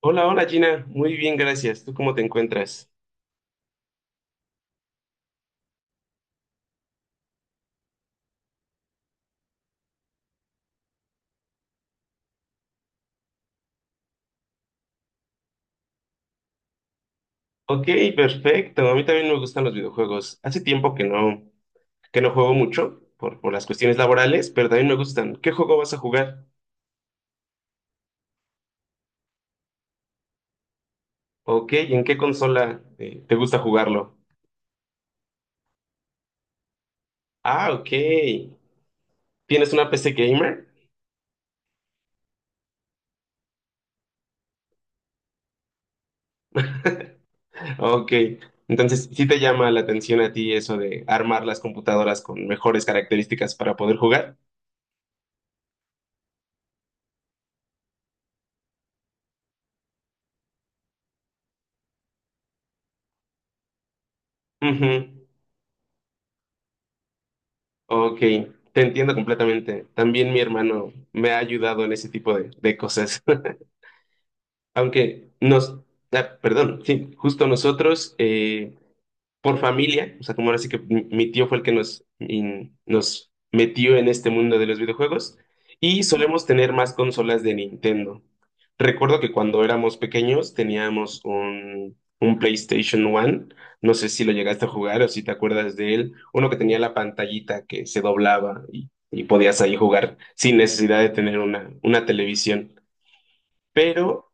Hola, hola Gina, muy bien, gracias. ¿Tú cómo te encuentras? Ok, perfecto. A mí también me gustan los videojuegos. Hace tiempo que no juego mucho por las cuestiones laborales, pero también me gustan. ¿Qué juego vas a jugar? Ok, ¿y en qué consola te gusta jugarlo? Ah, ok. ¿Tienes una PC gamer? Ok. Entonces, ¿sí te llama la atención a ti eso de armar las computadoras con mejores características para poder jugar? Ujú. Ok, te entiendo completamente. También mi hermano me ha ayudado en ese tipo de cosas. Aunque nos, Perdón, sí, justo nosotros por familia, o sea, como ahora sí que mi tío fue el que nos metió en este mundo de los videojuegos, y solemos tener más consolas de Nintendo. Recuerdo que cuando éramos pequeños teníamos un PlayStation One, no sé si lo llegaste a jugar o si te acuerdas de él, uno que tenía la pantallita que se doblaba y podías ahí jugar sin necesidad de tener una televisión. Pero,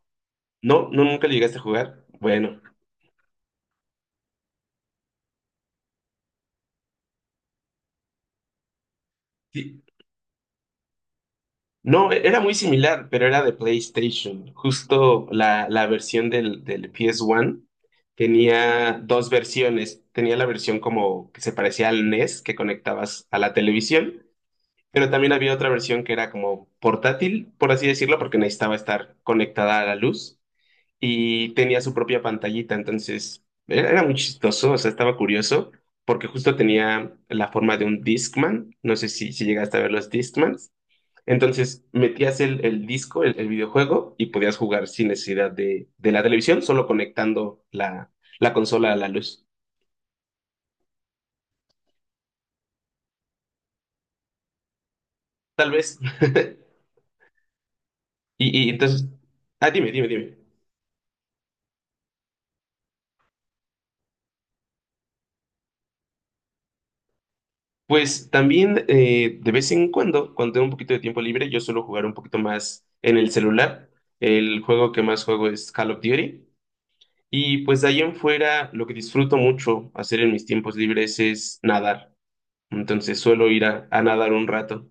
no, Nunca lo llegaste a jugar. Bueno. Sí, no, era muy similar, pero era de PlayStation. Justo la versión del PS1 tenía dos versiones. Tenía la versión como que se parecía al NES que conectabas a la televisión, pero también había otra versión que era como portátil, por así decirlo, porque necesitaba estar conectada a la luz y tenía su propia pantallita. Era muy chistoso, o sea, estaba curioso porque justo tenía la forma de un Discman. No sé si llegaste a ver los Discmans. Entonces metías el disco, el videojuego, y podías jugar sin necesidad de la televisión, solo conectando la consola a la luz. Tal vez. Y, y entonces, Dime, dime, dime. Pues también de vez en cuando, cuando tengo un poquito de tiempo libre, yo suelo jugar un poquito más en el celular. El juego que más juego es Call of Duty. Y pues de ahí en fuera, lo que disfruto mucho hacer en mis tiempos libres es nadar. Entonces suelo ir a nadar un rato.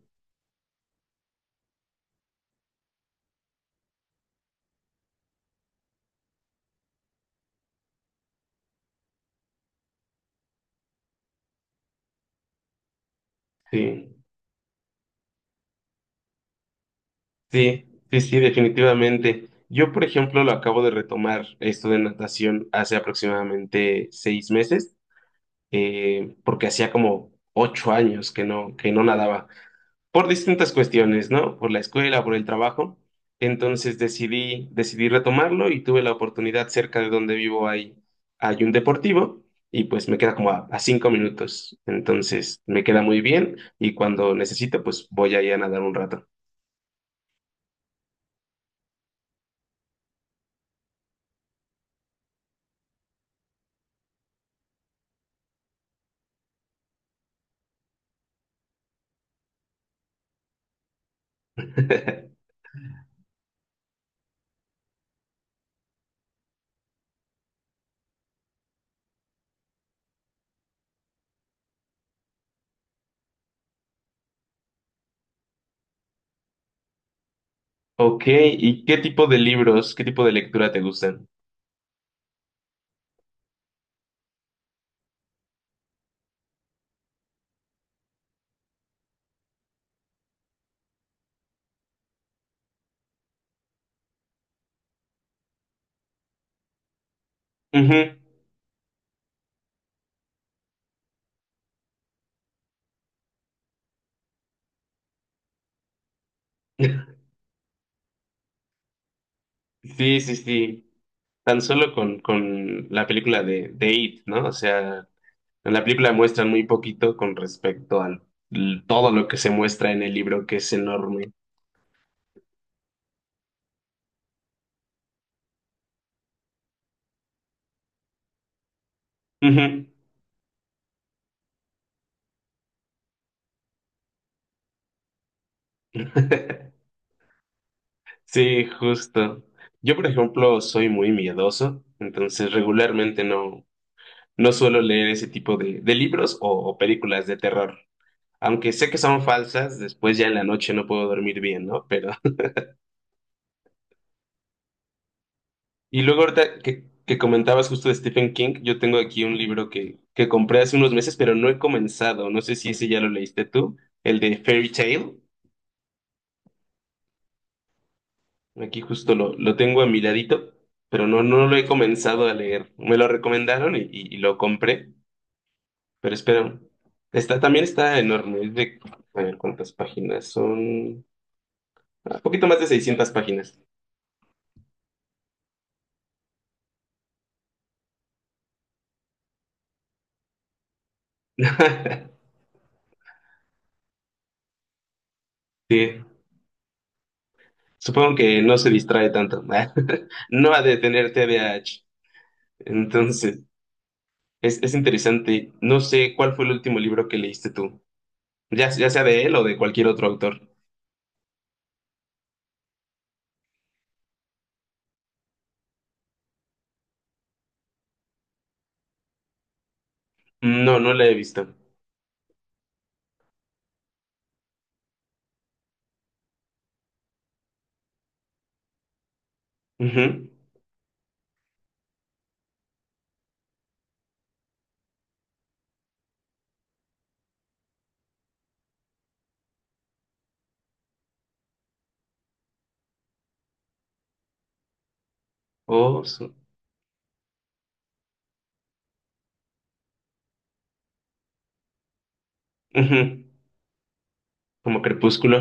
Sí. Sí, sí, sí, definitivamente. Yo, por ejemplo, lo acabo de retomar esto de natación hace aproximadamente 6 meses, porque hacía como 8 años que no nadaba, por distintas cuestiones, ¿no? Por la escuela, por el trabajo. Entonces decidí retomarlo y tuve la oportunidad cerca de donde hay un deportivo y pues me queda como a 5 minutos. Entonces me queda muy bien y cuando necesito, pues voy ahí a nadar un rato. Ok, ¿y qué tipo de libros, qué tipo de lectura te gustan? Ujú. Sí, sí, sí. Tan solo con la película de It, ¿no? O sea, en la película muestran muy poquito con respecto a todo lo que se muestra en el libro, que es enorme. Ujú. Sí, justo. Yo, por ejemplo, soy muy miedoso, entonces regularmente no suelo leer ese tipo de libros o películas de terror. Aunque sé que son falsas, después ya en la noche no puedo dormir bien, ¿no? Pero. Y luego ahorita que comentabas justo de Stephen King, yo tengo aquí un libro que compré hace unos meses, pero no he comenzado. No sé si ese ya lo leíste tú, el de Fairy Tale. Aquí justo lo tengo a mi ladito, pero no, no lo he comenzado a leer. Me lo recomendaron y lo compré, pero espero. Está, también está enorme. Es de, a ver cuántas páginas son. Un poquito más de 600 páginas. Sí. Supongo que no se distrae tanto. No ha de tener TDAH. Entonces, es interesante. No sé cuál fue el último libro que leíste tú. Ya sea de él o de cualquier otro autor. No, no la he visto. Ujú. Oh, su- Ujú. Como Crepúsculo.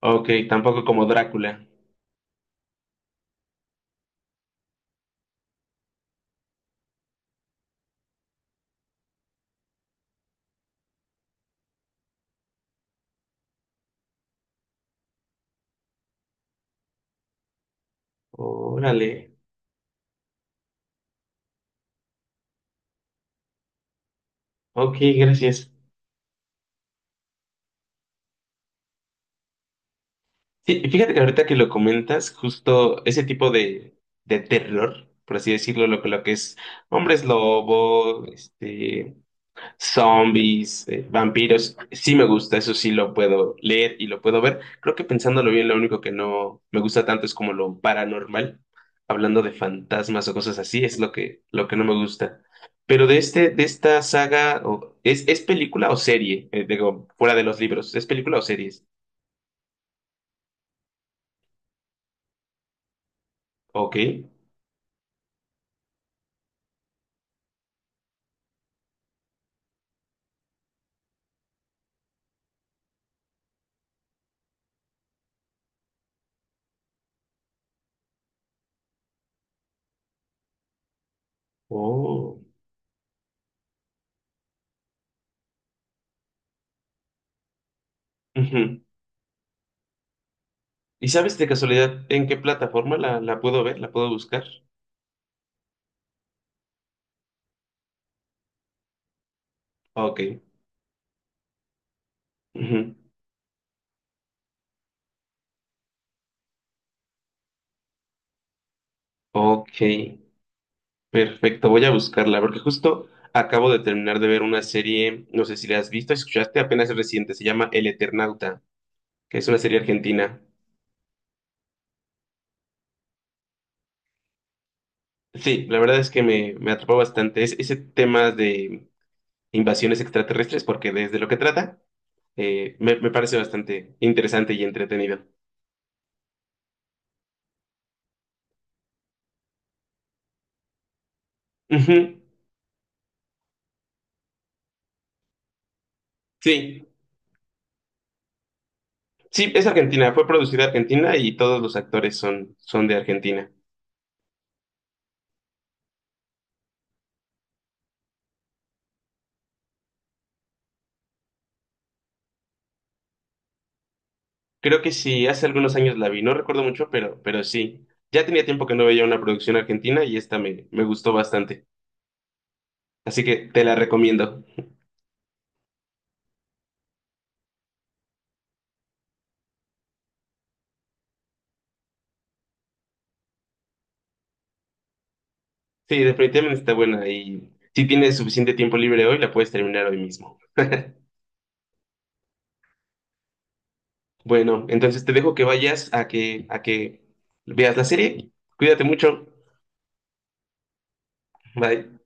Ok, tampoco como Drácula. Órale. Ok, gracias. Sí, y fíjate que ahorita que lo comentas, justo ese tipo de terror, por así decirlo, lo que es hombres lobo, este. Zombies, vampiros, sí me gusta, eso sí lo puedo leer y lo puedo ver. Creo que pensándolo bien, lo único que no me gusta tanto es como lo paranormal, hablando de fantasmas o cosas así, es lo lo que no me gusta. Pero de este, de esta saga, ¿ es película o serie? Digo, fuera de los libros, ¿es película o series? Ok. Oh. Ujú. ¿Y sabes de casualidad en qué plataforma la puedo ver? ¿La puedo buscar? Ok. Ujú. Ok. Perfecto, voy a buscarla, porque justo acabo de terminar de ver una serie, no sé si la has visto, escuchaste apenas es reciente, se llama El Eternauta, que es una serie argentina. Sí, la verdad es que me atrapó bastante ese tema de invasiones extraterrestres, porque desde lo que trata, me parece bastante interesante y entretenido. Ujú, sí, sí, es Argentina, fue producida en Argentina y todos los actores son de Argentina. Creo que sí, hace algunos años la vi, no recuerdo mucho, pero sí. Ya tenía tiempo que no veía una producción argentina y esta me gustó bastante. Así que te la recomiendo. Sí, definitivamente está buena y si tienes suficiente tiempo libre hoy, la puedes terminar hoy mismo. Bueno, entonces te dejo que vayas a que veas la serie. Cuídate mucho. Bye.